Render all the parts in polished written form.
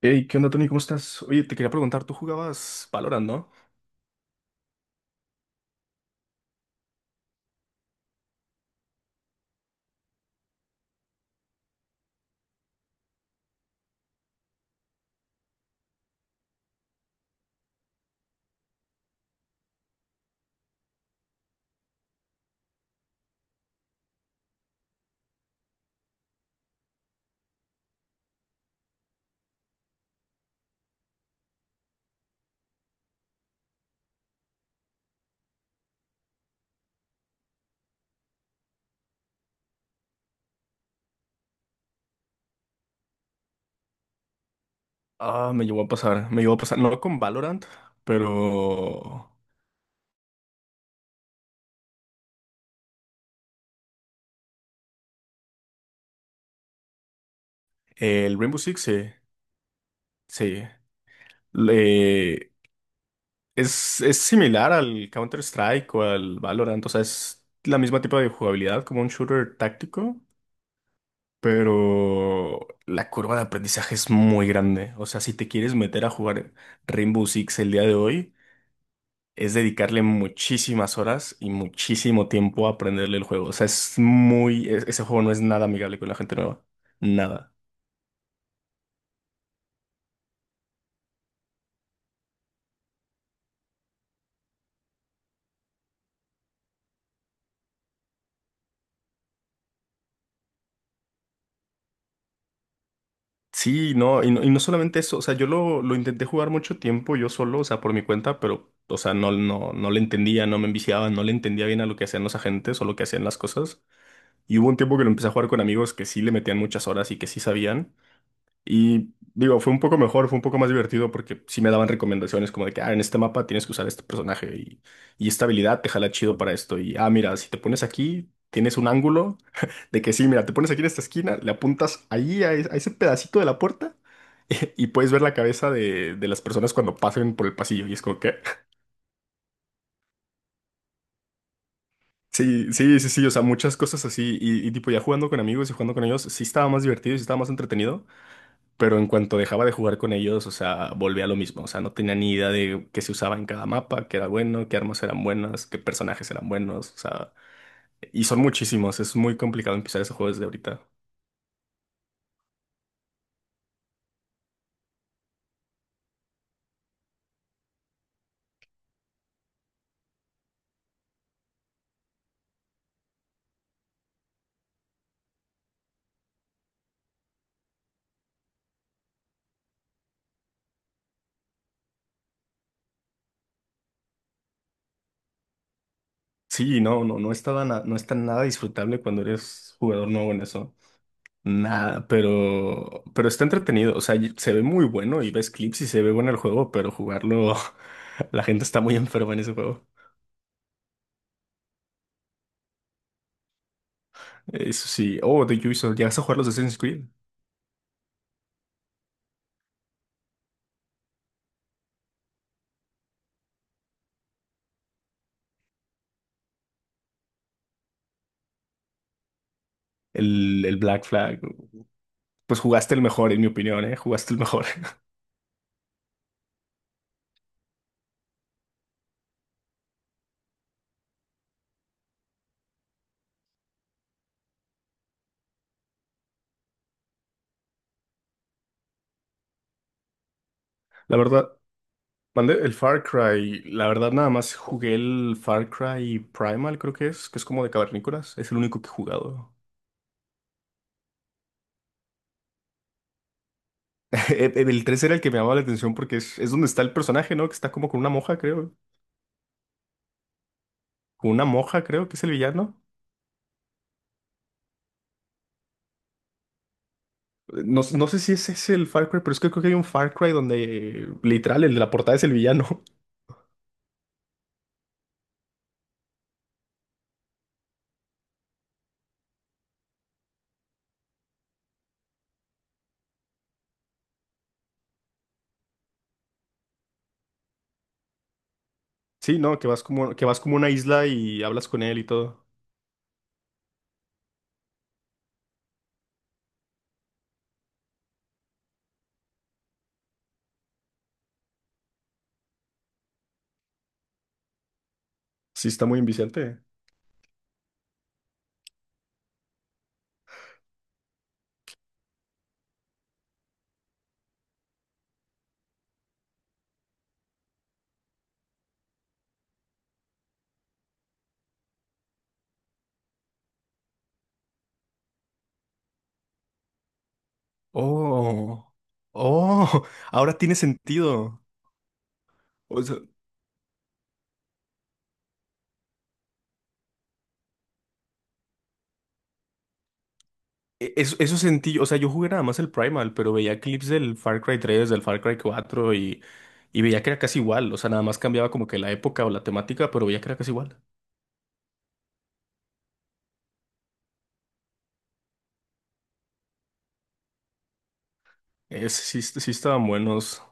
Hey, ¿qué onda, Tony? ¿Cómo estás? Oye, te quería preguntar, ¿tú jugabas Valorant, no? Ah, me llegó a pasar, me llegó a pasar, no con Valorant, pero el Rainbow Six, sí, sí. Le- es similar al Counter-Strike o al Valorant, o sea, es la misma tipo de jugabilidad como un shooter táctico, pero la curva de aprendizaje es muy grande. O sea, si te quieres meter a jugar Rainbow Six el día de hoy, es dedicarle muchísimas horas y muchísimo tiempo a aprenderle el juego. O sea, es muy, ese juego no es nada amigable con la gente nueva. Nada. Sí, no, y no solamente eso, o sea, yo lo intenté jugar mucho tiempo yo solo, o sea, por mi cuenta, pero, o sea, no, no, no le entendía, no me enviciaba, no le entendía bien a lo que hacían los agentes o lo que hacían las cosas. Y hubo un tiempo que lo empecé a jugar con amigos que sí le metían muchas horas y que sí sabían. Y digo, fue un poco mejor, fue un poco más divertido porque sí me daban recomendaciones como de que, ah, en este mapa tienes que usar este personaje y esta habilidad te jala chido para esto. Y, ah, mira, si te pones aquí, tienes un ángulo de que sí, mira, te pones aquí en esta esquina, le apuntas ahí a, a ese pedacito de la puerta y puedes ver la cabeza de las personas cuando pasen por el pasillo. Y es como que... Sí, sí, sí, sí, o sea, muchas cosas así. Y tipo, ya jugando con amigos y jugando con ellos, sí estaba más divertido y sí estaba más entretenido. Pero en cuanto dejaba de jugar con ellos, o sea, volvía a lo mismo. O sea, no tenía ni idea de qué se usaba en cada mapa, qué era bueno, qué armas eran buenas, qué personajes eran buenos. O sea, y son muchísimos. Es muy complicado empezar ese juego desde ahorita. Sí, no, no, no estaba no está nada disfrutable cuando eres jugador nuevo en eso. Nada, pero está entretenido. O sea, se ve muy bueno y ves clips y se ve bueno el juego, pero jugarlo, la gente está muy enferma en ese juego. Eso sí. Oh, The Ubisoft, ¿llegas a jugar los Assassin's Creed? El Black Flag. Pues jugaste el mejor, en mi opinión, ¿eh? Jugaste el mejor. La verdad, mandé el Far Cry. La verdad, nada más jugué el Far Cry Primal, creo que es como de cavernícolas. Es el único que he jugado. El 3 era el que me llamaba la atención porque es donde está el personaje, ¿no? Que está como con una moja, creo. Con una moja, creo que es el villano. No, no sé si ese es el Far Cry, pero es que creo que hay un Far Cry donde literal el de la portada es el villano. Sí, no, que vas como a una isla y hablas con él y todo. Sí, está muy inviciante. Oh, oh, ahora tiene sentido. O sea, eso sentí, yo. O sea, yo jugué nada más el Primal, pero veía clips del Far Cry 3, del Far Cry 4 y veía que era casi igual. O sea, nada más cambiaba como que la época o la temática, pero veía que era casi igual. Sí, sí estaban buenos.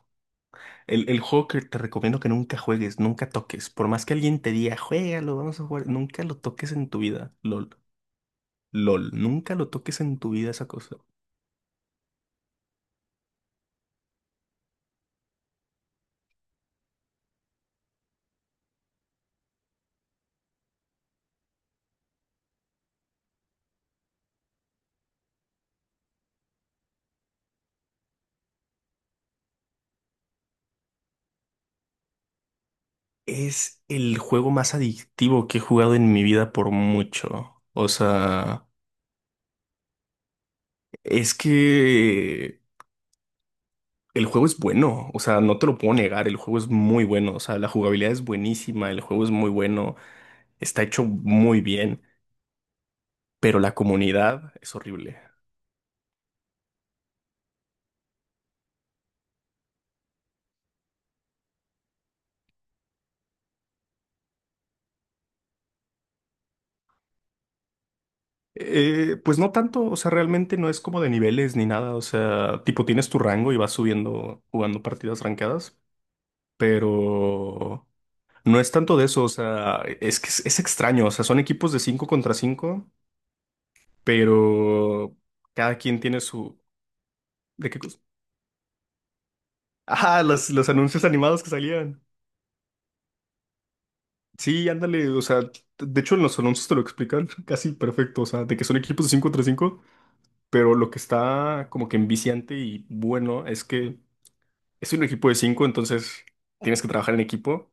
El juego que te recomiendo que nunca juegues, nunca toques. Por más que alguien te diga, juégalo, vamos a jugar, nunca lo toques en tu vida. LOL. LOL, nunca lo toques en tu vida esa cosa. Es el juego más adictivo que he jugado en mi vida por mucho. O sea, es que el juego es bueno. O sea, no te lo puedo negar. El juego es muy bueno. O sea, la jugabilidad es buenísima. El juego es muy bueno. Está hecho muy bien. Pero la comunidad es horrible. Pues no tanto. O sea, realmente no es como de niveles ni nada. O sea, tipo, tienes tu rango y vas subiendo jugando partidas rankeadas. Pero no es tanto de eso, o sea, es que es extraño, o sea, son equipos de 5 contra 5, pero cada quien tiene su... ¿De qué cosa? Ah, los anuncios animados que salían. Sí, ándale, o sea, de hecho en los anuncios te lo explican casi perfecto, o sea, de que son equipos de 5 contra 5, pero lo que está como que enviciante y bueno es que es un equipo de 5, entonces tienes que trabajar en equipo,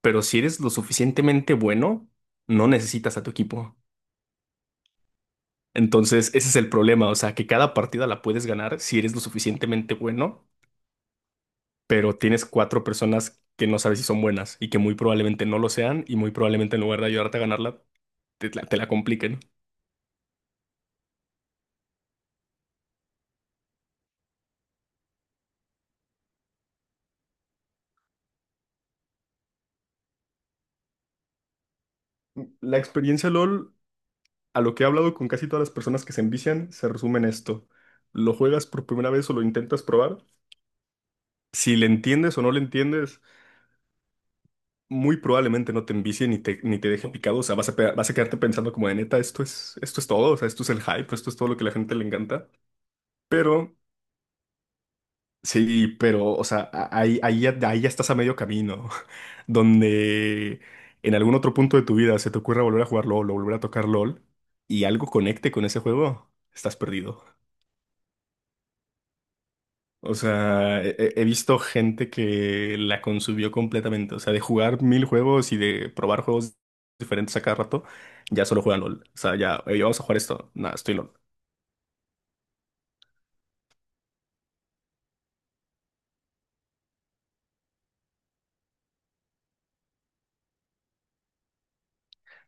pero si eres lo suficientemente bueno, no necesitas a tu equipo. Entonces, ese es el problema, o sea, que cada partida la puedes ganar si eres lo suficientemente bueno, pero tienes cuatro personas que no sabes si son buenas y que muy probablemente no lo sean y muy probablemente en lugar de ayudarte a ganarla, te la compliquen. La experiencia LOL, a lo que he hablado con casi todas las personas que se envician, se resume en esto. Lo juegas por primera vez o lo intentas probar. Si le entiendes o no le entiendes, muy probablemente no te envicie ni te, ni te deje picado. O sea, vas a quedarte pensando como de neta, esto es todo. O sea, esto es el hype, esto es todo lo que a la gente le encanta. Pero, sí, pero, o sea, ahí ya estás a medio camino, donde en algún otro punto de tu vida se te ocurra volver a jugar LOL o volver a tocar LOL y algo conecte con ese juego, estás perdido. O sea, he visto gente que la consumió completamente, o sea, de jugar mil juegos y de probar juegos diferentes a cada rato, ya solo juegan LOL. O sea, ya, "Ey, vamos a jugar esto, nada, estoy en LOL".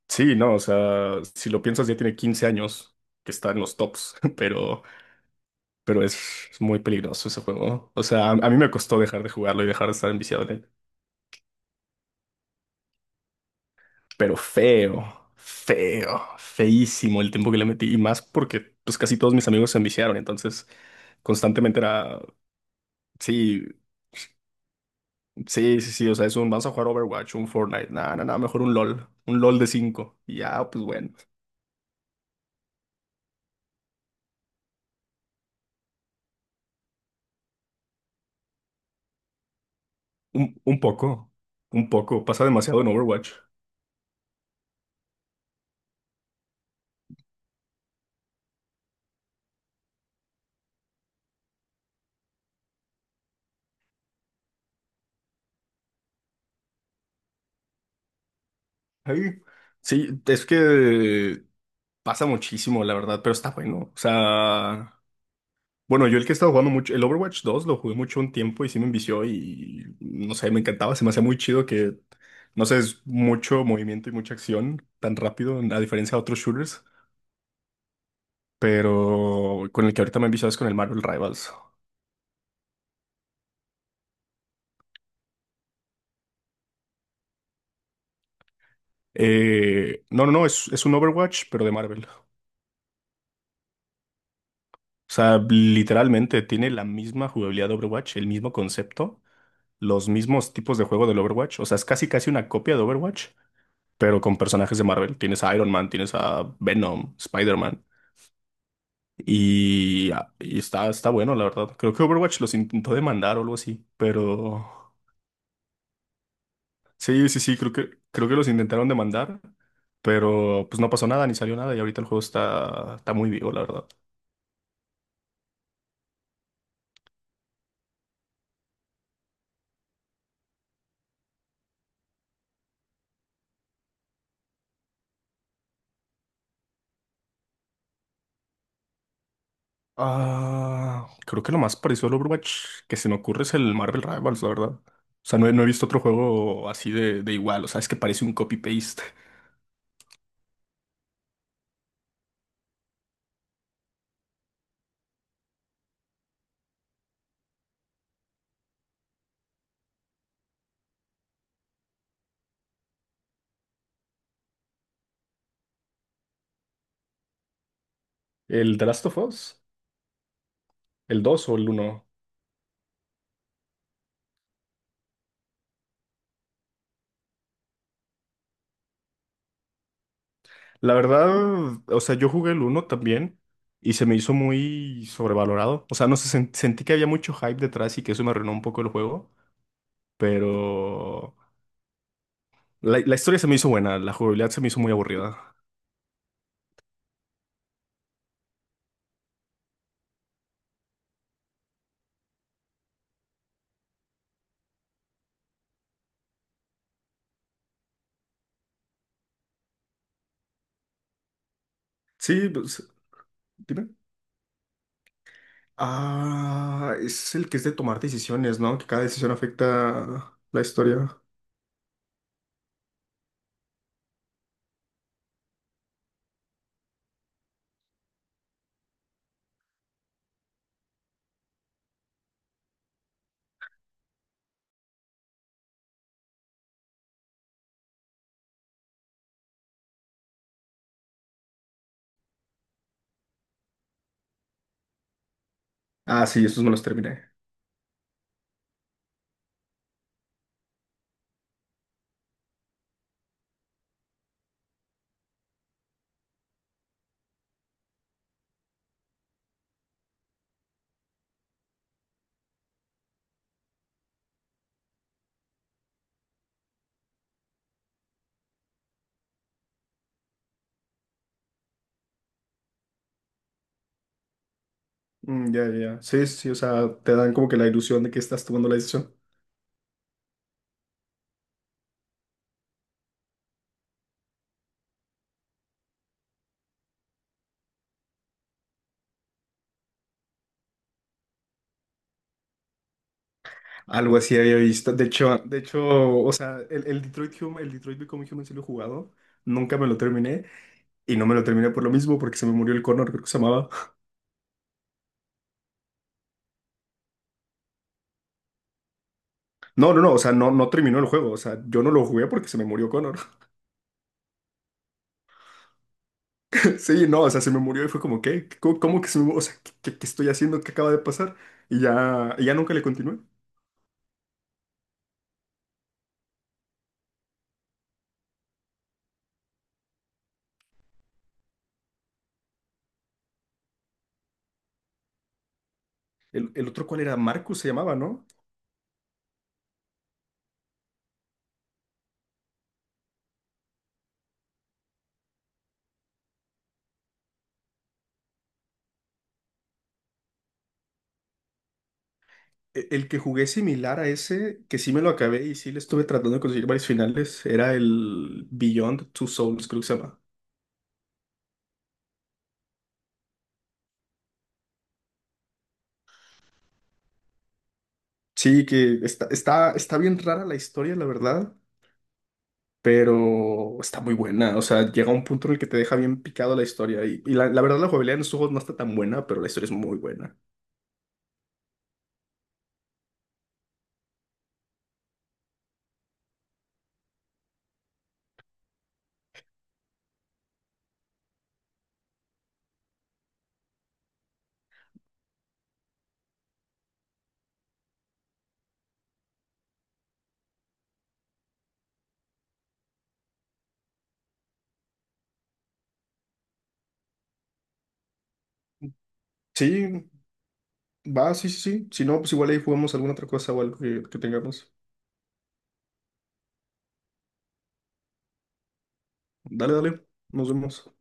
Sí, no, o sea, si lo piensas ya tiene 15 años que está en los tops, pero es muy peligroso ese juego. O sea, a mí me costó dejar de jugarlo y dejar de estar enviciado en él. Pero feo, feo, feísimo el tiempo que le metí. Y más porque pues casi todos mis amigos se enviciaron, entonces constantemente era, sí, sí, sí, sí, o sea, vamos a jugar Overwatch, un Fortnite, nada, nada, mejor un LOL de cinco. Y ya, pues bueno, un poco, un poco, pasa demasiado en Overwatch. Ay, sí, es que pasa muchísimo, la verdad, pero está bueno. O sea, bueno, yo el que he estado jugando mucho, el Overwatch dos lo jugué mucho un tiempo y sí me envició y no sé, me encantaba, se me hacía muy chido que, no sé, es mucho movimiento y mucha acción tan rápido, a diferencia de otros shooters, pero con el que ahorita me he enviciado es con el Marvel Rivals. No, no, no, es un Overwatch, pero de Marvel. O sea, literalmente tiene la misma jugabilidad de Overwatch, el mismo concepto, los mismos tipos de juego del Overwatch, o sea, es casi casi una copia de Overwatch pero con personajes de Marvel. Tienes a Iron Man, tienes a Venom, Spider-Man. Y, ah, y está bueno, la verdad. Creo que Overwatch los intentó demandar o algo así, pero sí, sí, sí, creo que los intentaron demandar, pero pues no pasó nada, ni salió nada, y ahorita el juego está muy vivo, la verdad. Ah, creo que lo más parecido al Overwatch que se me ocurre es el Marvel Rivals, la verdad. O sea, no he visto otro juego así de igual, o sea, es que parece un copy-paste. ¿El The Last of Us? ¿El 2 o el uno? La verdad, o sea, yo jugué el uno también y se me hizo muy sobrevalorado. O sea, no sé, sentí que había mucho hype detrás y que eso me arruinó un poco el juego, pero la historia se me hizo buena, la jugabilidad se me hizo muy aburrida. Sí, pues, dime. Ah, es el que es de tomar decisiones, ¿no? Que cada decisión afecta la historia. Ah, sí, esos me los terminé. Mm, ya, ya, ya. Sí, sí, sí, o sea, te dan como que la ilusión de que estás tomando la decisión. Algo así había visto. De hecho, o sea, el Detroit Become Human sí lo he jugado. Nunca me lo terminé. Y no me lo terminé por lo mismo, porque se me murió el Connor, creo que se llamaba. No, no, no, o sea, no, no terminó el juego. O sea, yo no lo jugué porque se me murió Connor. Sí, no, o sea, se me murió y fue como, ¿qué? ¿Cómo que se me murió? O sea, ¿qué estoy haciendo? ¿Qué acaba de pasar? Y ya, nunca le continué. El otro, ¿cuál era? Marcus se llamaba, ¿no? El que jugué similar a ese, que sí me lo acabé y sí le estuve tratando de conseguir varios finales, era el Beyond Two Souls, creo que se llama. Sí, que está bien rara la historia, la verdad, pero está muy buena. O sea, llega un punto en el que te deja bien picado la historia. Y la verdad, la jugabilidad en los juegos no está tan buena, pero la historia es muy buena. Sí, va, sí, sí, sí. Si no, pues igual ahí jugamos alguna otra cosa o algo que tengamos. Dale, dale, nos vemos.